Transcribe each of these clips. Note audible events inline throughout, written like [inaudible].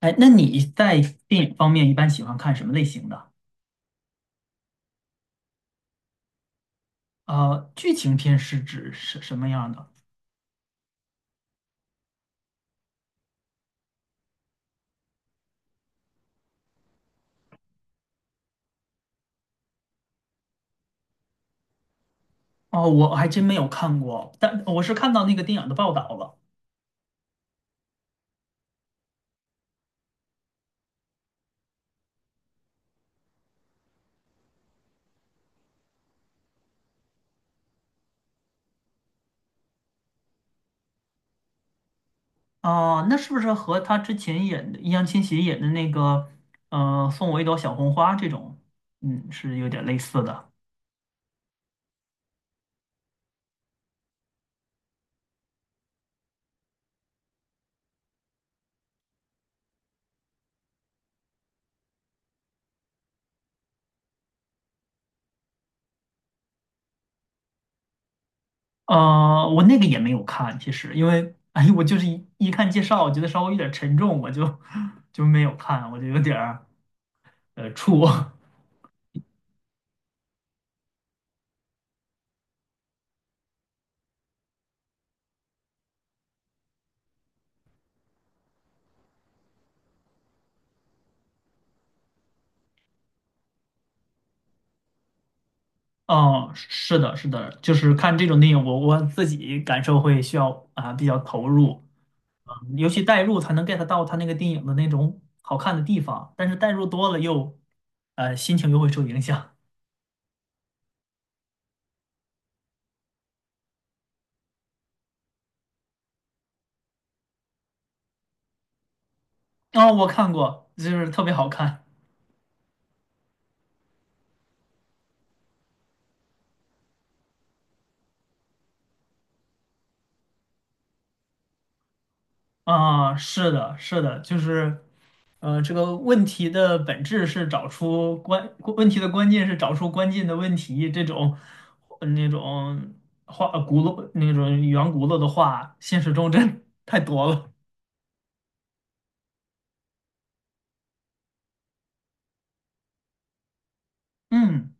哎，那你在电影方面一般喜欢看什么类型的？剧情片是指什么样的？哦，我还真没有看过，但我是看到那个电影的报道了。哦，那是不是和他之前演的易烊千玺演的那个，送我一朵小红花这种，嗯，是有点类似的。我那个也没有看，其实因为，哎，我就是一看介绍，我觉得稍微有点沉重，我就 [laughs] 就没有看，我就有点儿怵。[laughs] 哦，是的，是的，就是看这种电影，我自己感受会需要啊、比较投入，嗯，尤其代入才能 get 到他那个电影的那种好看的地方，但是代入多了又，呃，心情又会受影响。啊、我看过，就是特别好看。啊、是的，是的，就是。呃，这个问题的本质是找出关，问题的关键是找出关键的问题。这种那种话，呃轱辘那种圆轱辘的话，现实中真太多了。嗯，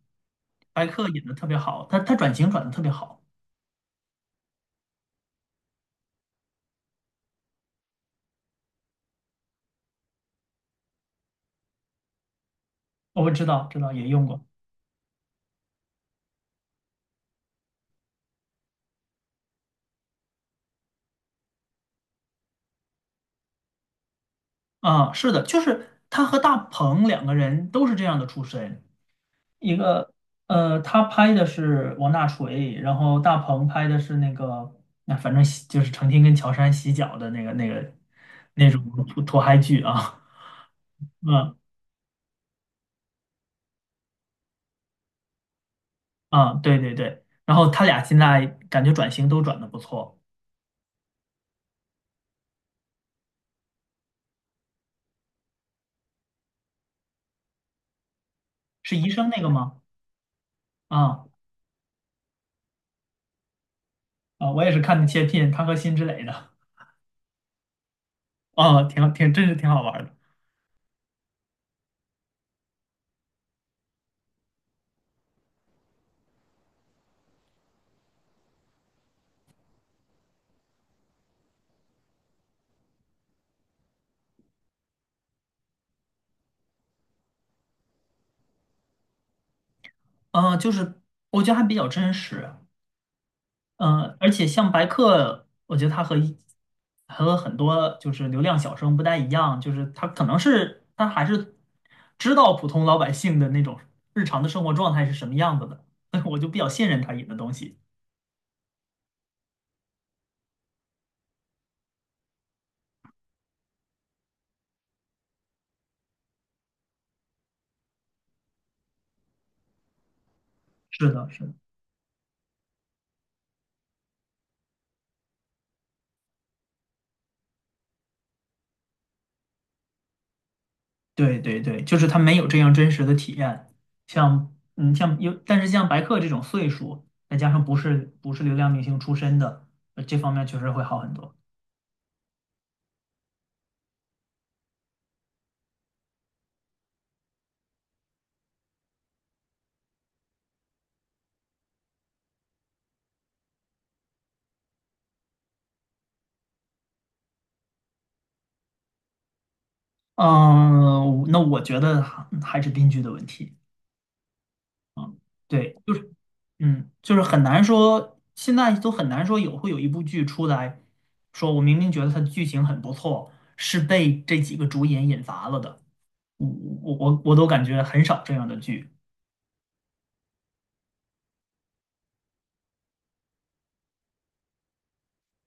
白客演的特别好，他转型转的特别好。我知道，知道也用过。啊，是的，就是他和大鹏两个人都是这样的出身。一个他拍的是王大锤，然后大鹏拍的是那个，那反正洗就是成天跟乔杉洗脚的那个那种土嗨剧啊，[laughs] 嗯。啊，对对对，然后他俩现在感觉转型都转的不错，是医生那个吗？啊啊，我也是看的切片，他和辛芷蕾的，啊，挺挺真是挺好玩的。啊，就是我觉得还比较真实，嗯，而且像白客，我觉得他和一和很多就是流量小生不太一样，就是他可能是他还是知道普通老百姓的那种日常的生活状态是什么样子的，所以我就比较信任他演的东西。是的，是的，对对对，就是他没有这样真实的体验，像嗯像有，但是像白客这种岁数，再加上不是流量明星出身的，这方面确实会好很多。嗯，那我觉得还是编剧的问题。对，就是。嗯，就是很难说，现在都很难说有会有一部剧出来，说我明明觉得它的剧情很不错，是被这几个主演引乏了的。我我我都感觉很少这样的剧。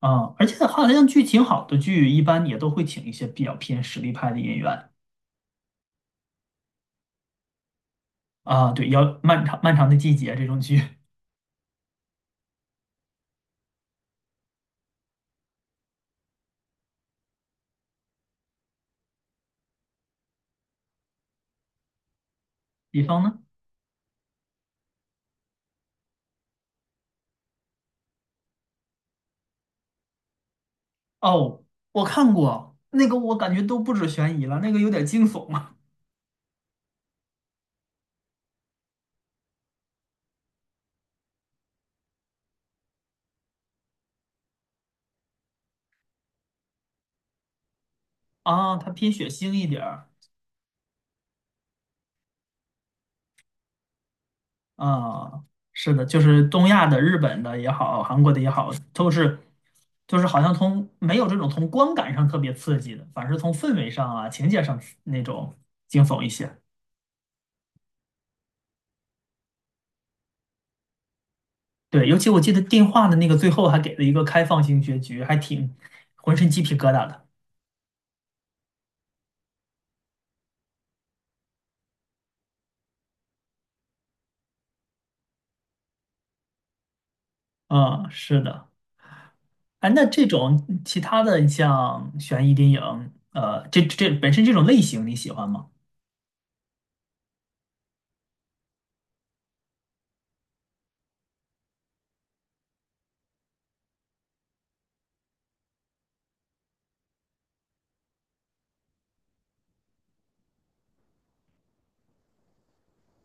啊，而且好像剧情好的剧一般也都会请一些比较偏实力派的演员。啊。对，要漫长漫长的季节这种剧，比方呢，哦，我看过那个，我感觉都不止悬疑了，那个有点惊悚啊。啊，它偏血腥一点儿。啊，是的，就是东亚的、日本的也好，韩国的也好，都是，就是好像从没有这种从观感上特别刺激的，反而是从氛围上啊、情节上那种惊悚一些。对，尤其我记得电话的那个最后还给了一个开放性结局，还挺浑身鸡皮疙瘩的。嗯，是的。哎，那这种其他的你像悬疑电影，这本身这种类型你喜欢吗？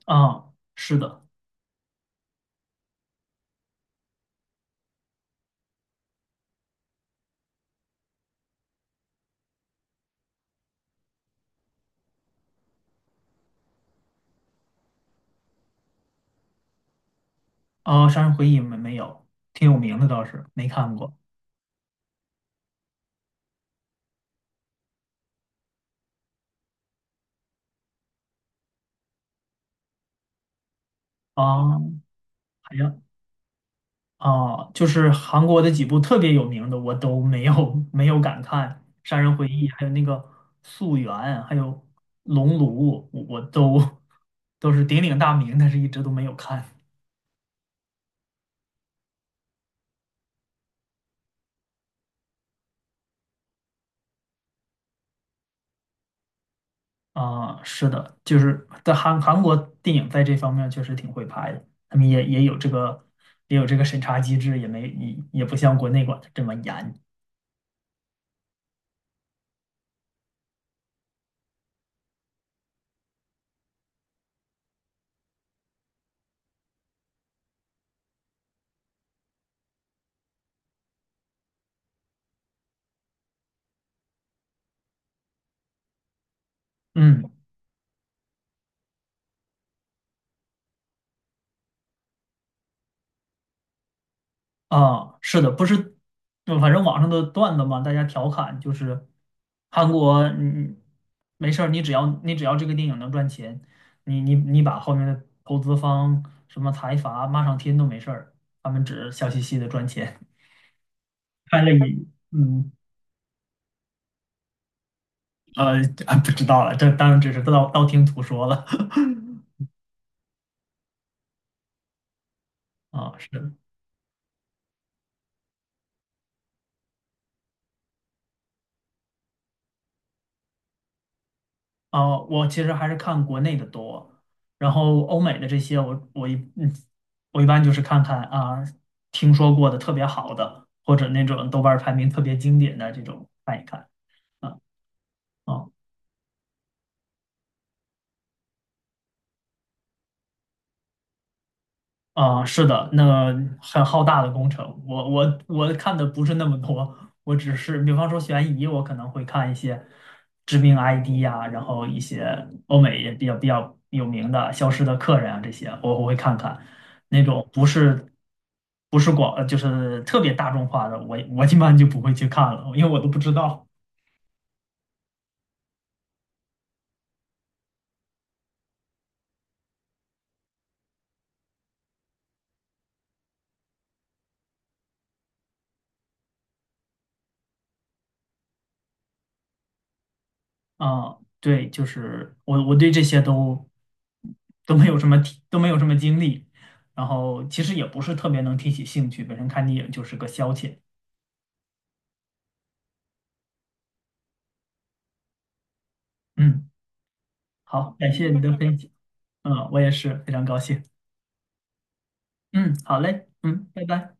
啊、是的。哦，《杀人回忆》没有，挺有名的倒是，没看过。哦，还有。啊，就是韩国的几部特别有名的，我都没有 [laughs] 没有敢看，《杀人回忆》，还有那个《溯源》，还有《熔炉》，我都都是鼎鼎大名，但是一直都没有看。啊、是的，就是在韩国电影在这方面确实挺会拍的，他们也有这个也有这个审查机制，也没也也不像国内管的这么严。嗯。啊，是的，不是，就反正网上的段子嘛，大家调侃就是韩国，嗯，没事儿，你只要这个电影能赚钱，你把后面的投资方什么财阀骂上天都没事儿，他们只笑嘻嘻的赚钱，看了你，嗯，呃，啊，不知道了，这当然只是道听途说了，[laughs] 啊，是。的。我其实还是看国内的多，然后欧美的这些我，我一嗯，我一般就是看看啊，听说过的特别好的，或者那种豆瓣儿排名特别经典的这种看一看啊。啊。啊，是的，那个很浩大的工程，我看的不是那么多，我只是比方说悬疑，我可能会看一些知名 ID 呀、然后一些欧美也比较有名的《消失的客人》啊这些，我会看看。那种不是，就是特别大众化的，我我一般就不会去看了，因为我都不知道。啊，对，就是我对这些都没有什么提，都没有什么经历，然后其实也不是特别能提起兴趣，本身看电影就是个消遣。嗯，好，感谢你的分享，嗯，我也是非常高兴。嗯，好嘞，嗯，拜拜。